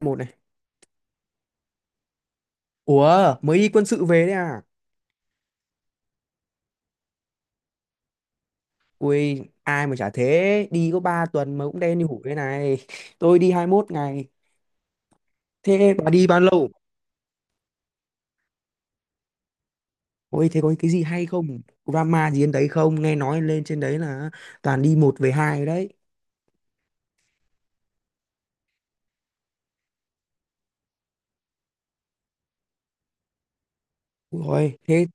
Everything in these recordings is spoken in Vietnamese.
Một này. Ủa mới đi quân sự về đấy à? Ui ai mà chả thế, đi có 3 tuần mà cũng đen như hủ thế này. Tôi đi 21 ngày. Thế bà đi bao lâu? Ôi thế có cái gì hay không, drama gì đến đấy không, nghe nói lên trên đấy là toàn đi một về hai đấy. Ui ôi, thế.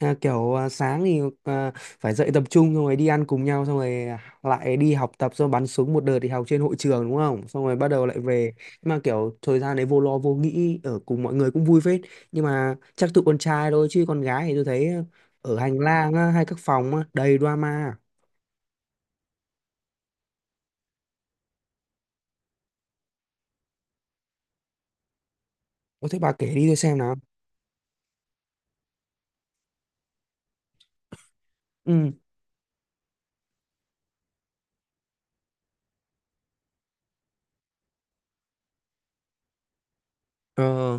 Sáng thì phải dậy tập trung xong rồi đi ăn cùng nhau xong rồi lại đi học tập, xong bắn súng một đợt thì học trên hội trường đúng không, xong rồi bắt đầu lại về. Nhưng mà kiểu thời gian đấy vô lo vô nghĩ, ở cùng mọi người cũng vui phết, nhưng mà chắc tụi con trai thôi chứ con gái thì tôi thấy ở hành lang, hay các phòng, đầy drama. Có thế bà kể đi tôi xem nào. Ừ. Ờ.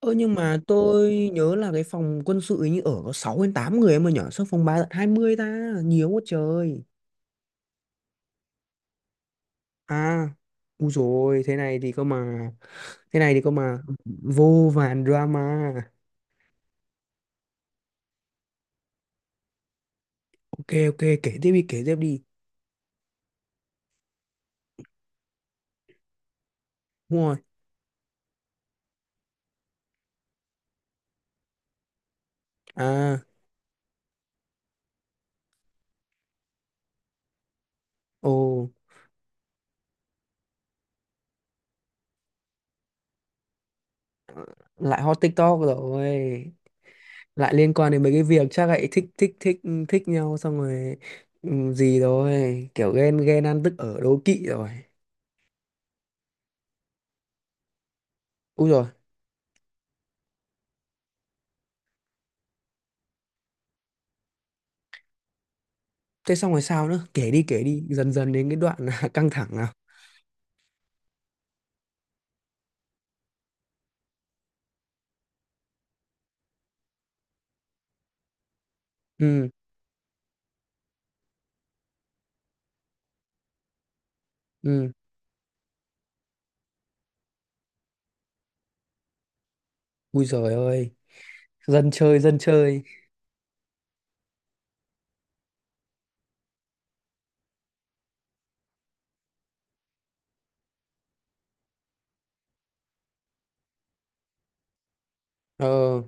Ơ nhưng mà tôi nhớ là cái phòng quân sự ấy như ở có 6 đến 8 người em ơi nhở, sao phòng 3 tận 20 ta, nhiều quá trời. À, u rồi thế này thì cơ mà, vô vàn drama. Ok ok, kể tiếp đi kể tiếp đi. Đúng rồi. À. Ồ lại hot TikTok rồi. Lại liên quan đến mấy cái việc chắc lại thích thích thích, thích nhau xong rồi ừ, gì rồi, kiểu ghen ghen ăn tức ở đố kỵ rồi. Ui rồi, thế xong rồi sao nữa? Kể đi, dần dần đến cái đoạn căng thẳng nào. Ừ. Ừ, ui giời ơi, dân chơi dân chơi. Ờ,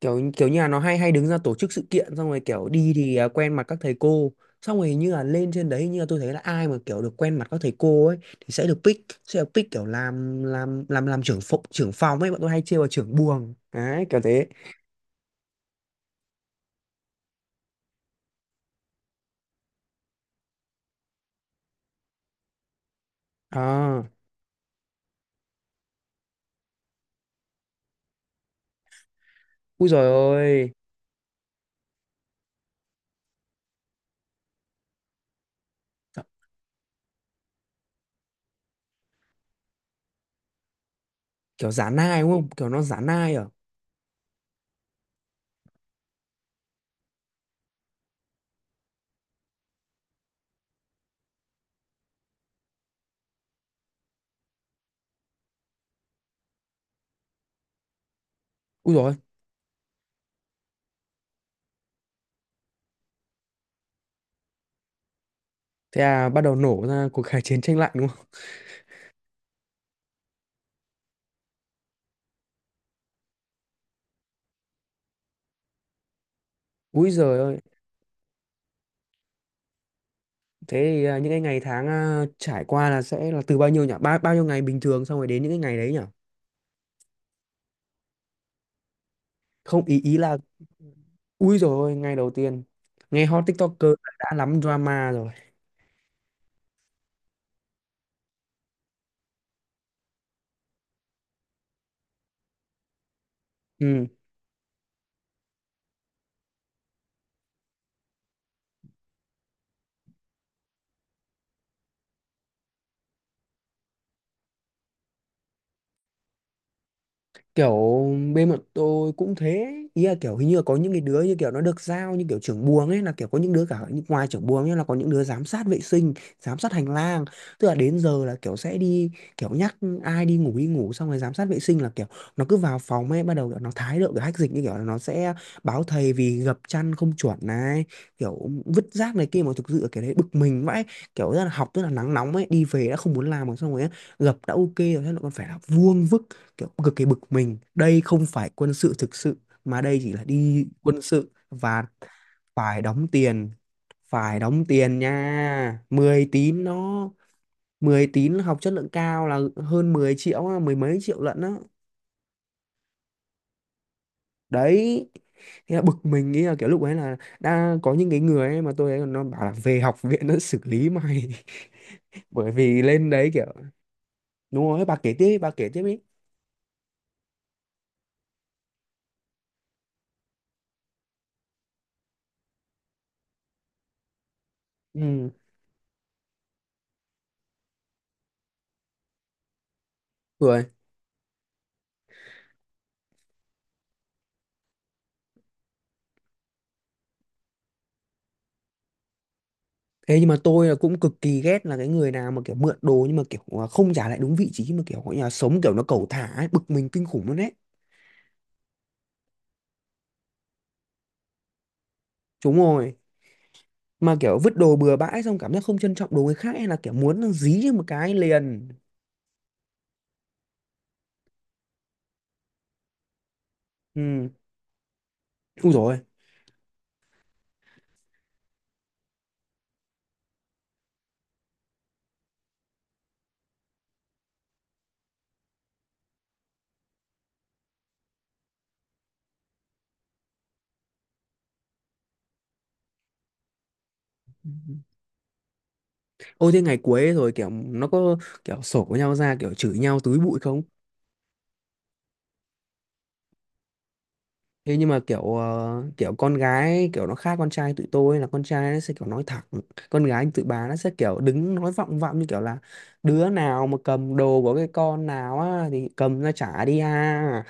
kiểu kiểu như là nó hay hay đứng ra tổ chức sự kiện xong rồi kiểu đi thì quen mặt các thầy cô, xong rồi như là lên trên đấy như là tôi thấy là ai mà kiểu được quen mặt các thầy cô ấy thì sẽ được pick, sẽ được pick kiểu làm trưởng phòng ấy, bọn tôi hay trêu là trưởng buồng đấy, kiểu thế. À. Ui rồi ôi. Kiểu giả nai đúng không, kiểu nó giả nai à. Ui rồi. Thế à, bắt đầu nổ ra cuộc kháng chiến tranh lạnh đúng không. Ui giời ơi. Thế những cái ngày tháng, trải qua là sẽ là từ bao nhiêu nhỉ, ba bao nhiêu ngày bình thường xong rồi đến những cái ngày đấy nhỉ. Không ý ý là. Ui rồi ngay đầu tiên nghe hot TikToker đã lắm drama rồi. Ừ. Kiểu bên bọn tôi cũng thế, ý là kiểu hình như là có những cái đứa như kiểu nó được giao như kiểu trưởng buồng ấy, là kiểu có những đứa cả ngoài trưởng buồng nhá, là có những đứa giám sát vệ sinh, giám sát hành lang, tức là đến giờ là kiểu sẽ đi, kiểu nhắc ai đi ngủ đi ngủ, xong rồi giám sát vệ sinh là kiểu nó cứ vào phòng ấy bắt đầu kiểu nó thái độ kiểu hách dịch như kiểu là nó sẽ báo thầy vì gập chăn không chuẩn này, kiểu vứt rác này kia, mà thực sự là cái đấy bực mình vãi, kiểu rất là học rất là nắng nóng ấy, đi về đã không muốn làm rồi xong rồi gập đã ok rồi thế lại còn phải là vuông vức, kiểu cực kỳ bực mình, đây không phải quân sự thực sự mà đây chỉ là đi quân sự và phải đóng tiền, phải đóng tiền nha. Mười tín nó, 10 tín học chất lượng cao là hơn mười triệu á, mười mấy triệu lận á. Đấy, thế là bực mình nghĩ là kiểu lúc ấy là đã có những cái người ấy mà tôi ấy còn nó bảo là về học viện nó xử lý mày, bởi vì lên đấy kiểu. Đúng rồi bà kể tiếp đi, bà kể tiếp đi. Ừ. Rồi. Thế nhưng mà tôi là cũng cực kỳ ghét là cái người nào mà kiểu mượn đồ nhưng mà kiểu không trả lại đúng vị trí, mà kiểu gọi là sống kiểu nó cẩu thả ấy, bực mình kinh khủng luôn đấy. Đúng rồi, mà kiểu vứt đồ bừa bãi xong cảm giác không trân trọng đồ người khác, hay là kiểu muốn dí cho một cái liền. Ừ. Ui rồi ôi. Thế ngày cuối rồi kiểu nó có kiểu sổ với nhau ra kiểu chửi nhau túi bụi không? Thế nhưng mà kiểu ờ, kiểu con gái kiểu nó khác con trai, tụi tôi là con trai nó sẽ kiểu nói thẳng, con gái tụi bà nó sẽ kiểu đứng nói vọng vọng như kiểu là đứa nào mà cầm đồ của cái con nào á thì cầm ra trả đi à,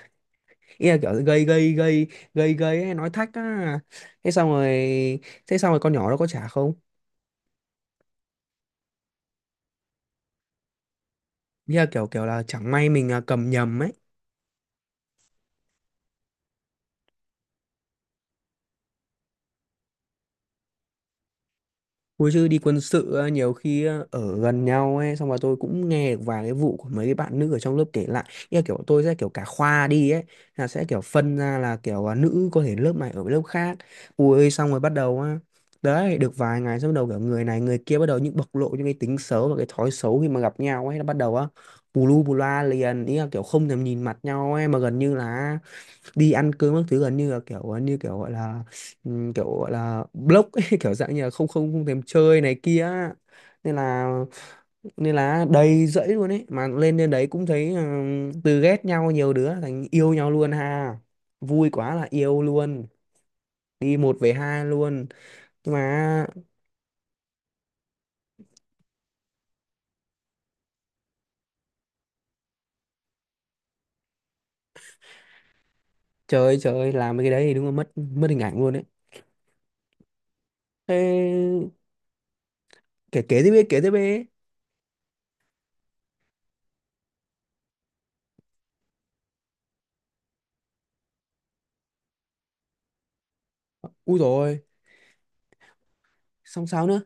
ý là kiểu gây gây gây hay nói thách á. Thế xong rồi thế xong rồi con nhỏ nó có trả không? Ý là kiểu kiểu là chẳng may mình cầm nhầm ấy. Ôi chứ đi quân sự á, nhiều khi á, ở gần nhau ấy xong rồi tôi cũng nghe được vài cái vụ của mấy cái bạn nữ ở trong lớp kể lại, như là kiểu tôi sẽ kiểu cả khoa đi ấy, là sẽ kiểu phân ra là kiểu nữ có thể lớp này ở với lớp khác. Ui xong rồi bắt đầu á, đấy được vài ngày xong bắt đầu kiểu người này người kia bắt đầu những bộc lộ những cái tính xấu và cái thói xấu, khi mà gặp nhau ấy nó bắt đầu á, bù lu bù loa liền, ý là kiểu không thèm nhìn mặt nhau ấy, mà gần như là đi ăn cơm các thứ gần như là kiểu như kiểu gọi là block ấy, kiểu dạng như là không không không thèm chơi này kia á. Nên là, nên là đầy rẫy luôn ấy, mà lên đến đấy cũng thấy từ ghét nhau nhiều đứa thành yêu nhau luôn ha, vui quá là yêu luôn, đi một về hai luôn. Nhưng mà trời ơi, làm cái đấy thì đúng là mất mất hình ảnh luôn đấy. Thế kể kể tiếp đi kể tiếp đi. Ui rồi, xong sao nữa.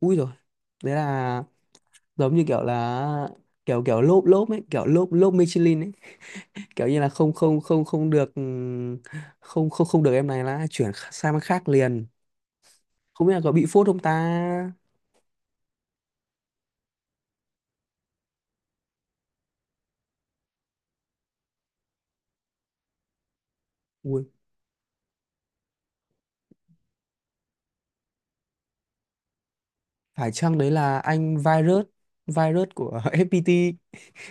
Ui rồi, đấy là giống như kiểu là kiểu kiểu lốp lốp ấy, kiểu lốp lốp Michelin ấy, kiểu như là không không không không được không không không được, em này là chuyển sang bên khác liền. Không biết là có bị phốt không ta. Ui, phải chăng đấy là anh virus, virus của FPT,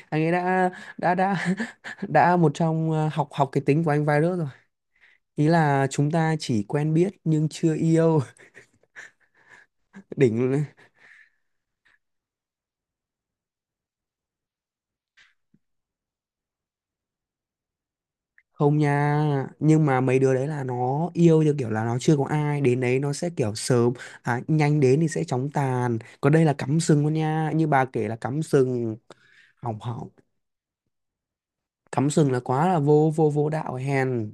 anh ấy đã một trong học học cái tính của anh virus rồi, ý là chúng ta chỉ quen biết nhưng chưa yêu. Đỉnh luôn. Không nha, nhưng mà mấy đứa đấy là nó yêu theo kiểu là nó chưa có ai, đến đấy nó sẽ kiểu sớm nhanh, đến thì sẽ chóng tàn, còn đây là cắm sừng luôn nha, như bà kể là cắm sừng, hỏng hỏng, cắm sừng là quá là vô vô vô đạo hèn.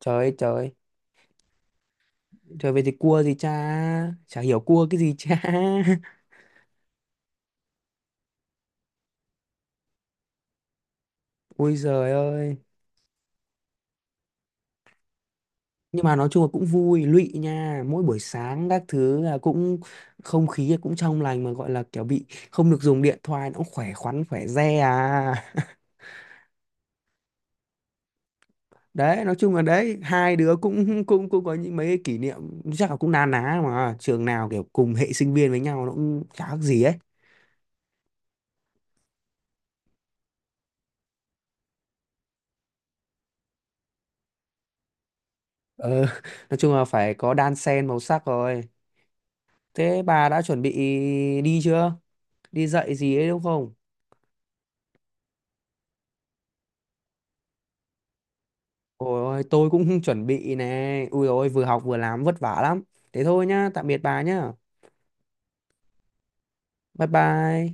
Trời ơi trời ơi, trời về thì cua gì cha, chả hiểu cua cái gì cha. Ôi giời ơi. Nhưng mà nói chung là cũng vui lụy nha, mỗi buổi sáng các thứ là cũng không khí cũng trong lành, mà gọi là kiểu bị không được dùng điện thoại nó cũng khỏe khoắn khỏe re à. Đấy nói chung là đấy hai đứa cũng cũng cũng có những mấy cái kỷ niệm chắc là cũng na ná, mà trường nào kiểu cùng hệ sinh viên với nhau nó cũng chả khác gì ấy. Ờ, nói chung là phải có đan xen màu sắc rồi. Thế bà đã chuẩn bị đi chưa, đi dạy gì ấy đúng không? Ôi ôi, tôi cũng chuẩn bị này, ui ôi vừa học vừa làm vất vả lắm. Thế thôi nhá, tạm biệt bà nhá. Bye bye.